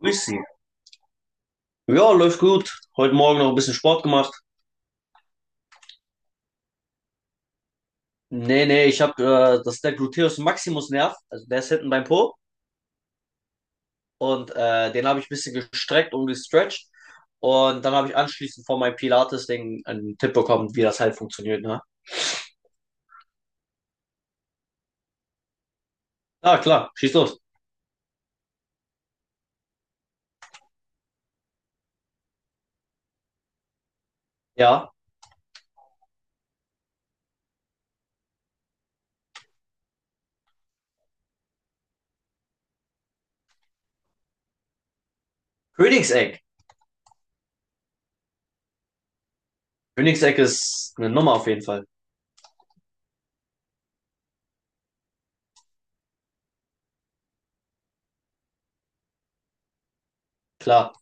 Grüß Sie. Ja, läuft gut. Heute Morgen noch ein bisschen Sport gemacht. Nee, nee, ich habe das ist der Gluteus Maximus Nerv, also der ist hinten beim Po und den habe ich ein bisschen gestreckt und gestretcht und dann habe ich anschließend von meinem Pilates-Ding einen Tipp bekommen, wie das halt funktioniert, ne? Ah, klar, schieß los. Ja, Königseck. Königseck ist eine Nummer auf jeden Fall. Klar,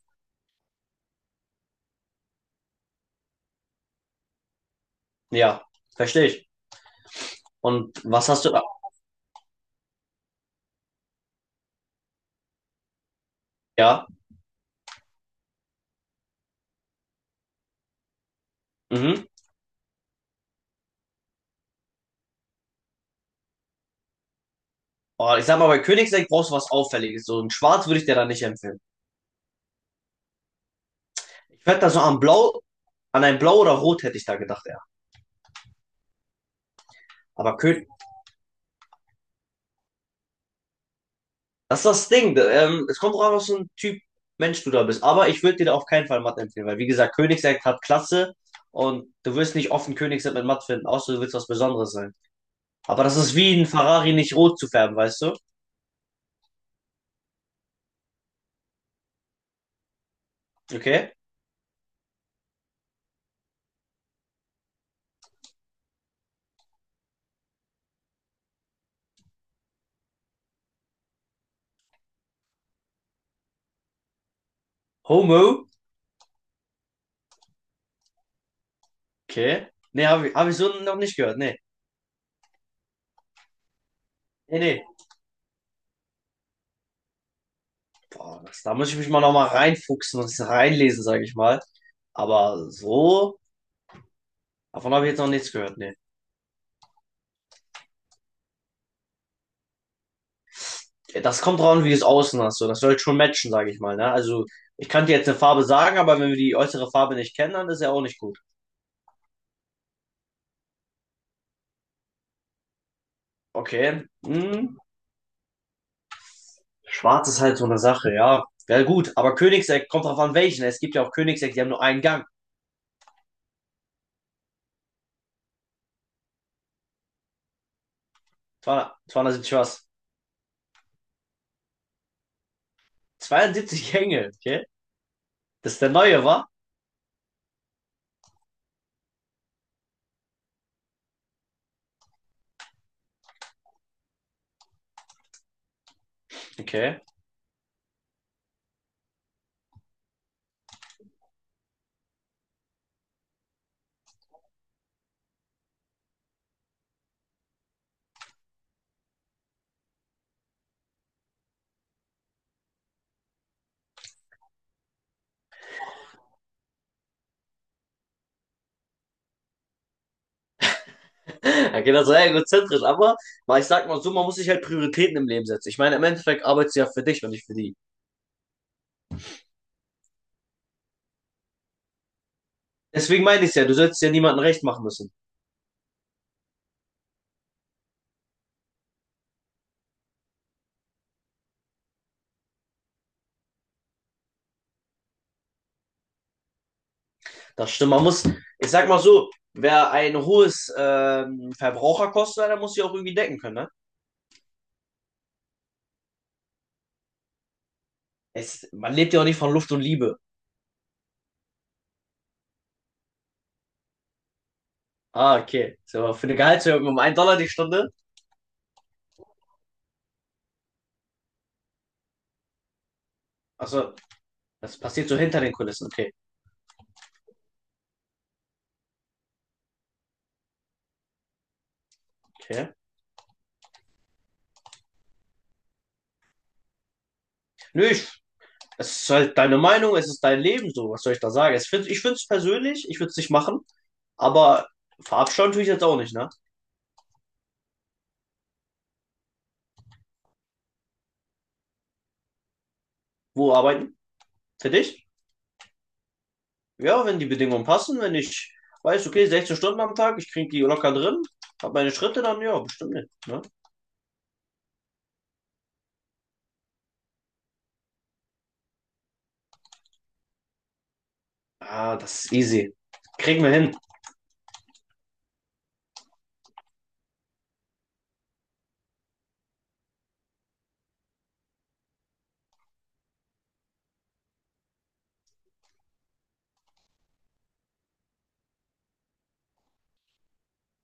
ja, verstehe ich. Und was hast du da? Ja, mhm. Oh, ich sag mal, bei Königseck brauchst du was Auffälliges. So ein Schwarz würde ich dir da nicht empfehlen. Ich werde da so am Blau, an ein Blau oder Rot hätte ich da gedacht, ja. Aber König, das ist das Ding. Es kommt drauf an, was für ein Typ Mensch du da bist. Aber ich würde dir da auf keinen Fall Mathe empfehlen, weil, wie gesagt, Königsegg hat Klasse und du wirst nicht offen Königsegg mit Mathe finden, außer du willst was Besonderes sein. Aber das ist wie ein Ferrari nicht rot zu färben, weißt du? Okay. Homo. Okay. Nee, hab ich so noch nicht gehört. Nee. Nee, nee. Boah, das, da muss ich mich mal nochmal reinfuchsen und reinlesen, sage ich mal. Aber so, davon habe ich jetzt noch nichts gehört. Nee. Das kommt drauf an, wie du es außen hast. So. Das sollte schon matchen, sage ich mal. Ne? Also, ich kann dir jetzt eine Farbe sagen, aber wenn wir die äußere Farbe nicht kennen, dann ist ja auch nicht gut. Okay. Hm. Schwarz ist halt so eine Sache, ja. Ja, gut. Aber Königseck kommt drauf an, welchen. Es gibt ja auch Königseck, die haben nur einen Gang. 200 was? 72 Gänge, okay? Das ist der neue, wa? Okay. Er geht also sehr egozentrisch, aber weil ich sag mal so, man muss sich halt Prioritäten im Leben setzen. Ich meine, im Endeffekt arbeitest du ja für dich und nicht für die. Deswegen meine ich ja, du solltest ja niemandem recht machen müssen. Das stimmt. Man muss, ich sag mal so, wer ein hohes Verbraucherkosten hat, der muss sich auch irgendwie decken können, ne? Man lebt ja auch nicht von Luft und Liebe. Ah, okay. So, für eine Gehaltserhöhung um 1 Dollar die Stunde. Also, das passiert so hinter den Kulissen. Okay. Okay. Nö, es ist halt deine Meinung, es ist dein Leben, so. Was soll ich da sagen? Ich finde es persönlich, ich würde es nicht machen, aber verabscheuen tue ich jetzt auch nicht, ne? Wo arbeiten? Für dich? Ja, wenn die Bedingungen passen, wenn ich weiß, okay, 16 Stunden am Tag, ich kriege die locker drin, habe meine Schritte, dann ja, bestimmt nicht. Ne? Ah, das ist easy. Kriegen wir hin.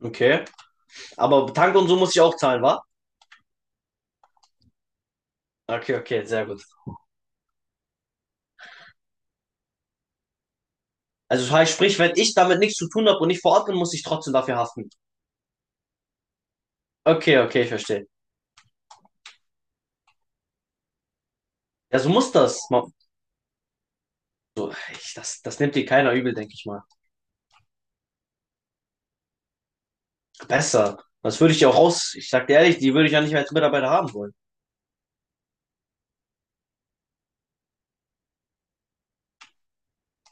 Okay. Aber Tank und so muss ich auch zahlen, wa? Okay, okay, sehr gut. Also das heißt, sprich, wenn ich damit nichts zu tun habe und nicht vor Ort bin, muss ich trotzdem dafür haften. Okay, okay, ich verstehe. Ja, so muss das. Das nimmt dir keiner übel, denke ich mal. Besser. Das würde ich ja auch raus. Ich sag dir ehrlich, die würde ich ja nicht mehr als Mitarbeiter haben wollen.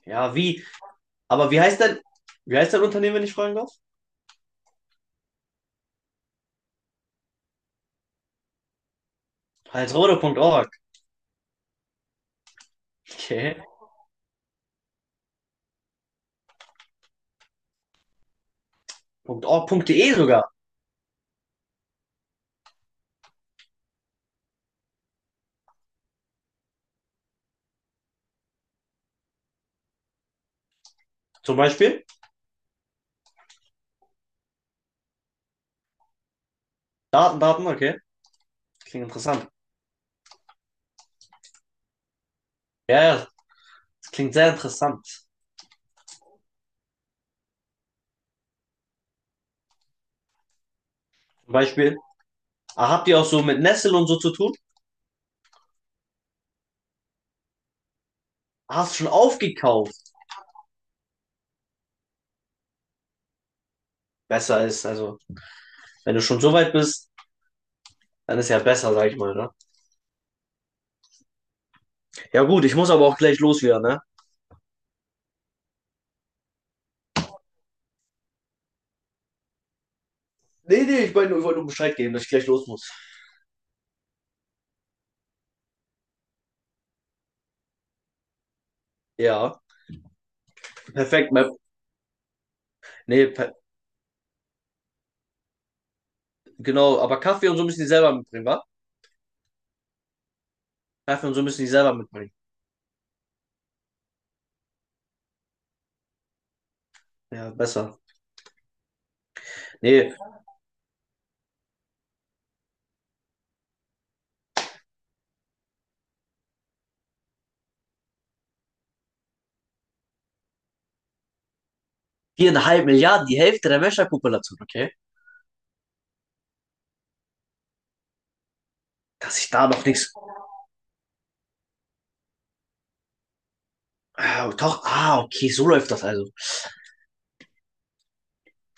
Ja, wie? Aber wie heißt denn, Wie heißt dein Unternehmen, wenn ich fragen darf? Walsrode.org. Okay. .org.de sogar. Zum Beispiel. Daten, Daten, okay. Klingt interessant. Ja, ja, das klingt sehr interessant. Zum Beispiel, ah, habt ihr auch so mit Nestle und so zu tun? Ah, hast schon aufgekauft? Besser ist, also, wenn du schon so weit bist, dann ist ja besser, sag ich mal, ne? Ja gut, ich muss aber auch gleich los wieder, ne? Nee, nee, ich wollte nur Bescheid geben, dass ich gleich los muss. Ja, perfekt. Nee, per Genau, aber Kaffee und so müssen die selber mitbringen, wa? Kaffee und so müssen die selber mitbringen. Ja, besser. Nee, 4,5 Milliarden, die Hälfte der Menschheitspopulation, okay? Dass ich da noch nichts. Ah, doch, ah, okay, so läuft das also.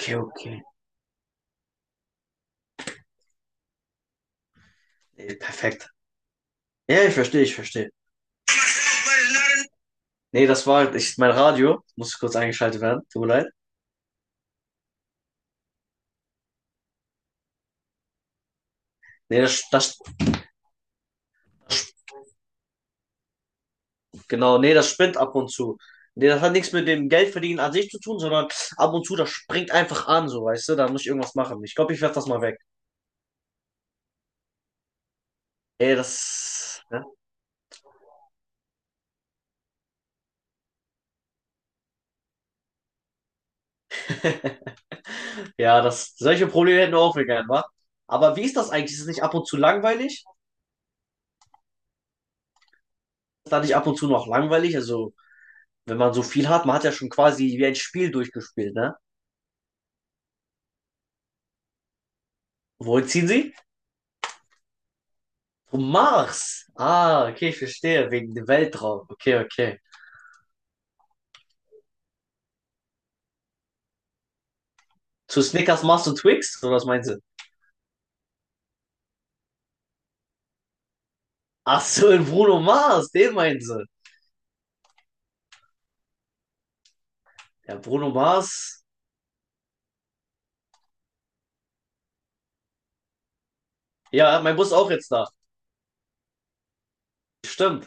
Okay, okay. Nee, perfekt. Ja, ich verstehe, ich verstehe. Nee, das war ich, mein Radio. Muss kurz eingeschaltet werden, tut mir leid. Nee, das, das, genau, nee, das spinnt ab und zu. Nee, das hat nichts mit dem Geldverdienen an sich zu tun, sondern ab und zu, das springt einfach an, so, weißt du, da muss ich irgendwas machen. Ich glaube, ich werf das mal weg. Ey, das, ne? Ja, das, solche Probleme hätten wir auch wir gern, wa? Aber wie ist das eigentlich? Ist es nicht ab und zu langweilig? Dadurch ab und zu noch langweilig. Also, wenn man so viel hat, man hat ja schon quasi wie ein Spiel durchgespielt, ne? Wo ziehen sie? Zum Mars. Ah, okay, ich verstehe. Wegen dem Weltraum. Okay, okay. Zu Snickers, Mars und Twix? Oder was meinen sie? Ach so, in Bruno Mars, den meinen sie. Ja, Bruno Mars. Ja, mein Bus ist auch jetzt da. Stimmt.